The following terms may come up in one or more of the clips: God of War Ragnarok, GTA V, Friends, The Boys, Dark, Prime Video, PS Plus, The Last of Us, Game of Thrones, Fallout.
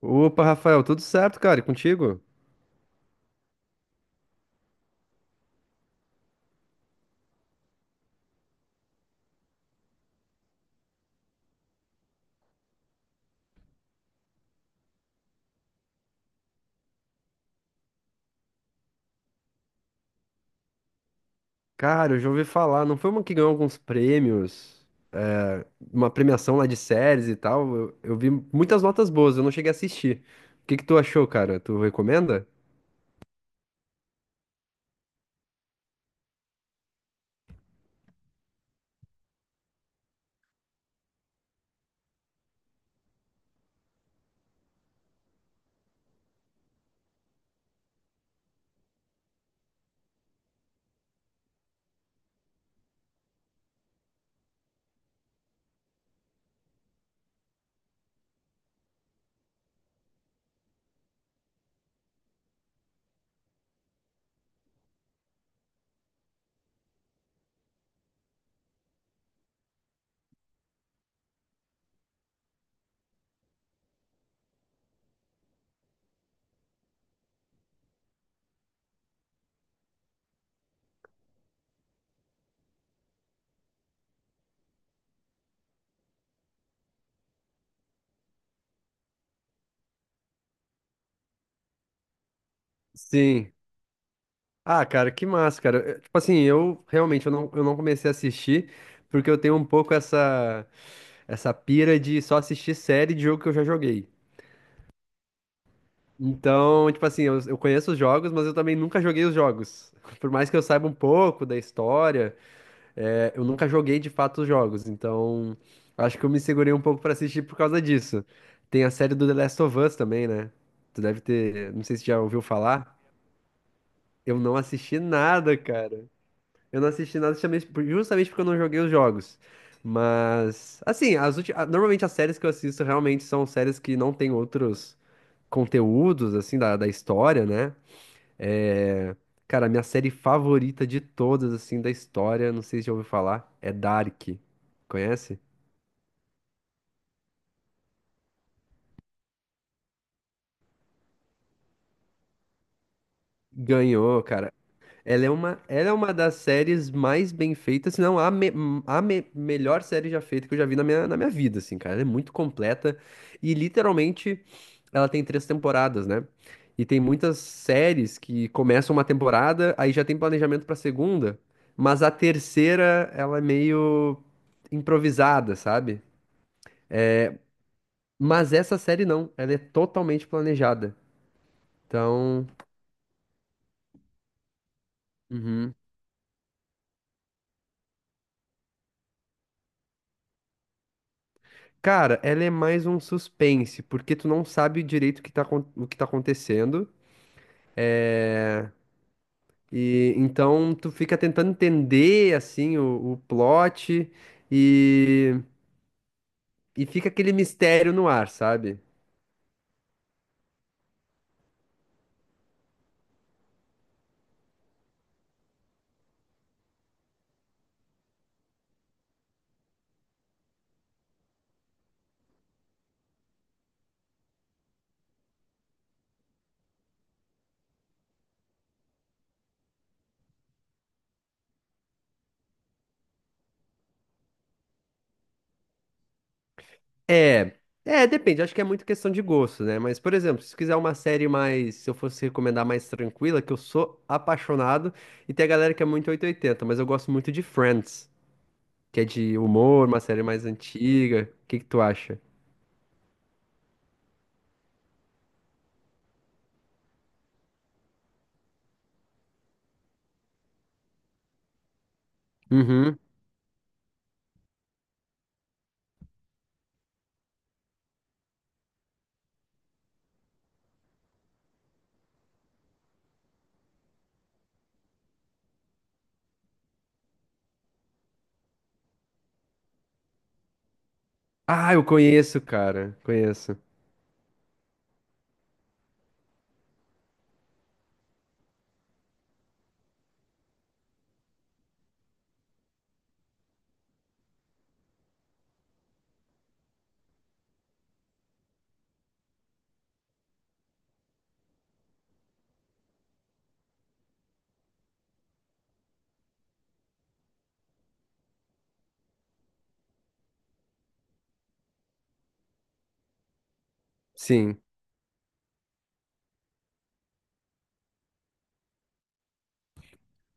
Opa, Rafael, tudo certo, cara? E contigo? Cara, eu já ouvi falar, não foi uma que ganhou alguns prêmios, é, uma premiação lá de séries e tal? Eu vi muitas notas boas, eu não cheguei a assistir. O que que tu achou, cara? Tu recomenda? Sim. Ah, cara, que massa, cara. Tipo assim, eu não comecei a assistir porque eu tenho um pouco essa pira de só assistir série de jogo que eu já joguei. Então, tipo assim, eu conheço os jogos, mas eu também nunca joguei os jogos. Por mais que eu saiba um pouco da história, eu nunca joguei de fato os jogos. Então, acho que eu me segurei um pouco pra assistir por causa disso. Tem a série do The Last of Us também, né? Tu deve ter, não sei se já ouviu falar. Eu não assisti nada, cara. Eu não assisti nada justamente porque eu não joguei os jogos. Mas, assim, normalmente as séries que eu assisto realmente são séries que não tem outros conteúdos, assim, da história, né? É, Cara, minha série favorita de todas, assim, da história, não sei se já ouviu falar, é Dark. Conhece? Ganhou, cara. Ela é uma das séries mais bem feitas, se não a melhor série já feita que eu já vi na minha vida, assim, cara. Ela é muito completa e literalmente ela tem três temporadas, né? E tem muitas séries que começam uma temporada, aí já tem planejamento pra segunda, mas a terceira, ela é meio improvisada, sabe? Mas essa série não, ela é totalmente planejada. Então. Uhum. Cara, ela é mais um suspense, porque tu não sabe direito o que tá acontecendo. É... E então tu fica tentando entender assim o plot e, e fica aquele mistério no ar, sabe? É, é, depende, acho que é muito questão de gosto, né? Mas, por exemplo, se quiser uma série mais, se eu fosse recomendar mais tranquila, que eu sou apaixonado, e tem a galera que é muito 880. Mas eu gosto muito de Friends, que é de humor, uma série mais antiga. O que que tu acha? Uhum. Ah, eu conheço, cara, conheço. Sim.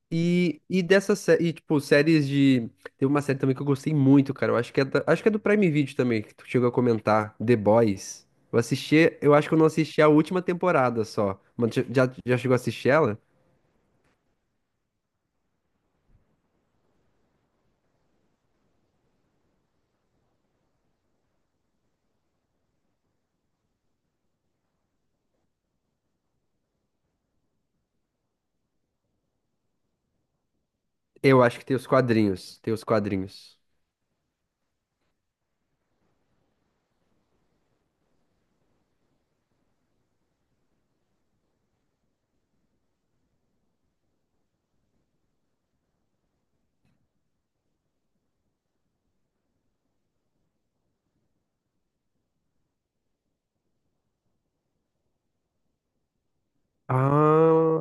E dessa série, tipo, séries de. Tem uma série também que eu gostei muito, cara. Eu acho que é, da- acho que é do Prime Video também, que tu chegou a comentar, The Boys. Eu assisti, eu acho que eu não assisti a última temporada só. Mas já, já já chegou a assistir ela? Eu acho que tem os quadrinhos. Tem os quadrinhos. Ah.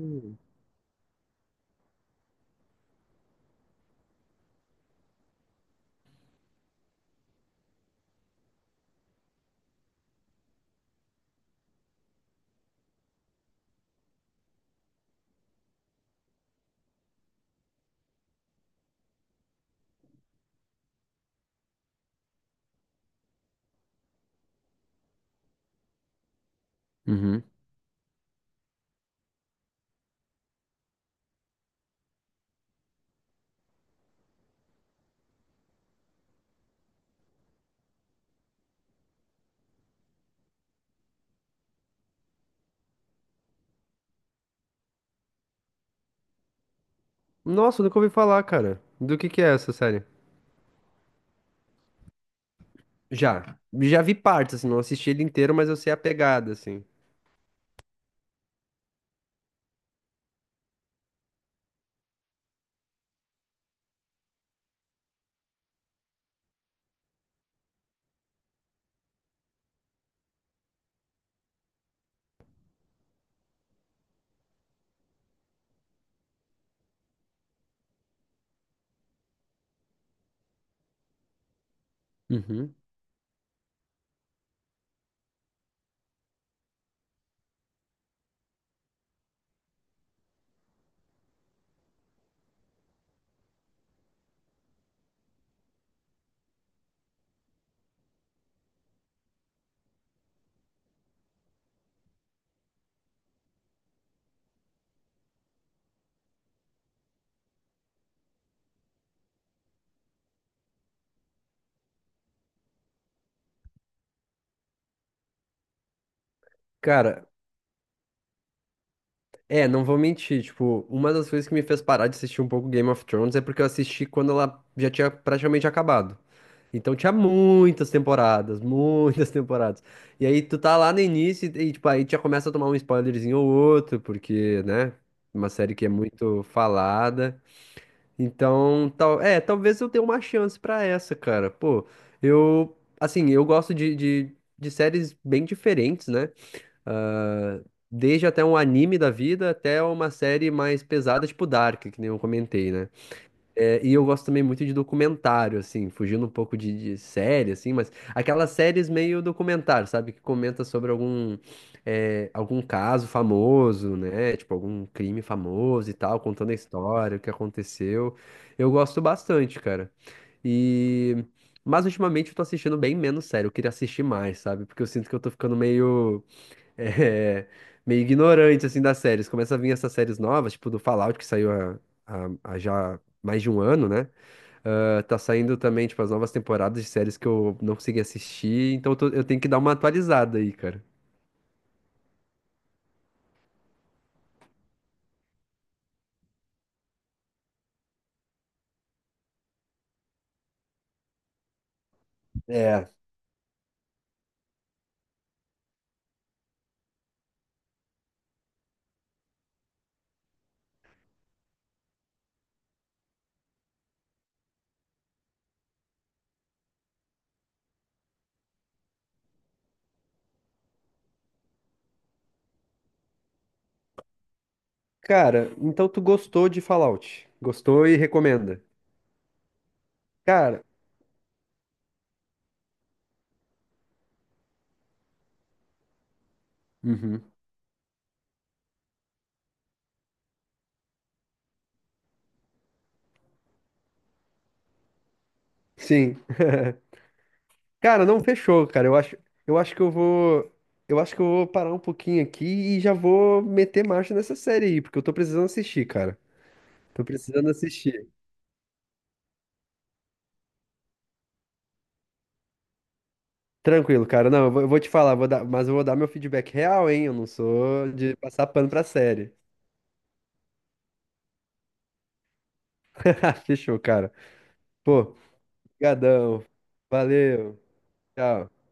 Uhum. Nossa, eu nunca ouvi falar, cara. Do que é essa série? Já. Já vi partes, assim, não assisti ele inteiro, mas eu sei a pegada, assim. Uhum. Cara, não vou mentir, tipo, uma das coisas que me fez parar de assistir um pouco Game of Thrones é porque eu assisti quando ela já tinha praticamente acabado. Então tinha muitas temporadas, muitas temporadas. E aí tu tá lá no início e, tipo, aí já começa a tomar um spoilerzinho ou outro, porque, né, uma série que é muito falada. Então, tal, talvez eu tenha uma chance pra essa, cara. Pô, eu, assim, eu gosto de séries bem diferentes, né? Ah, desde até um anime da vida até uma série mais pesada, tipo Dark, que nem eu comentei, né? E eu gosto também muito de documentário, assim, fugindo um pouco de série, assim, mas aquelas séries meio documentário, sabe? Que comenta sobre algum caso famoso, né? Tipo, algum crime famoso e tal, contando a história, o que aconteceu. Eu gosto bastante, cara. E. Mas ultimamente eu tô assistindo bem menos sério, eu queria assistir mais, sabe? Porque eu sinto que eu tô ficando é, meio ignorante, assim, das séries. Começa a vir essas séries novas, tipo do Fallout, que saiu há já mais de um ano, né? Ah, tá saindo também, tipo, as novas temporadas de séries que eu não consegui assistir, então eu tenho que dar uma atualizada aí, cara. É. Cara, então tu gostou de Fallout? Gostou e recomenda? Cara. Uhum. Sim. Cara, não fechou, cara. Eu acho que eu vou, eu acho que eu vou parar um pouquinho aqui e já vou meter marcha nessa série aí, porque eu tô precisando assistir, cara. Tô precisando assistir. Tranquilo, cara. Não, eu vou te falar, mas eu vou dar meu feedback real, hein? Eu não sou de passar pano pra série. Fechou, cara. Pô, brigadão. Valeu. Tchau.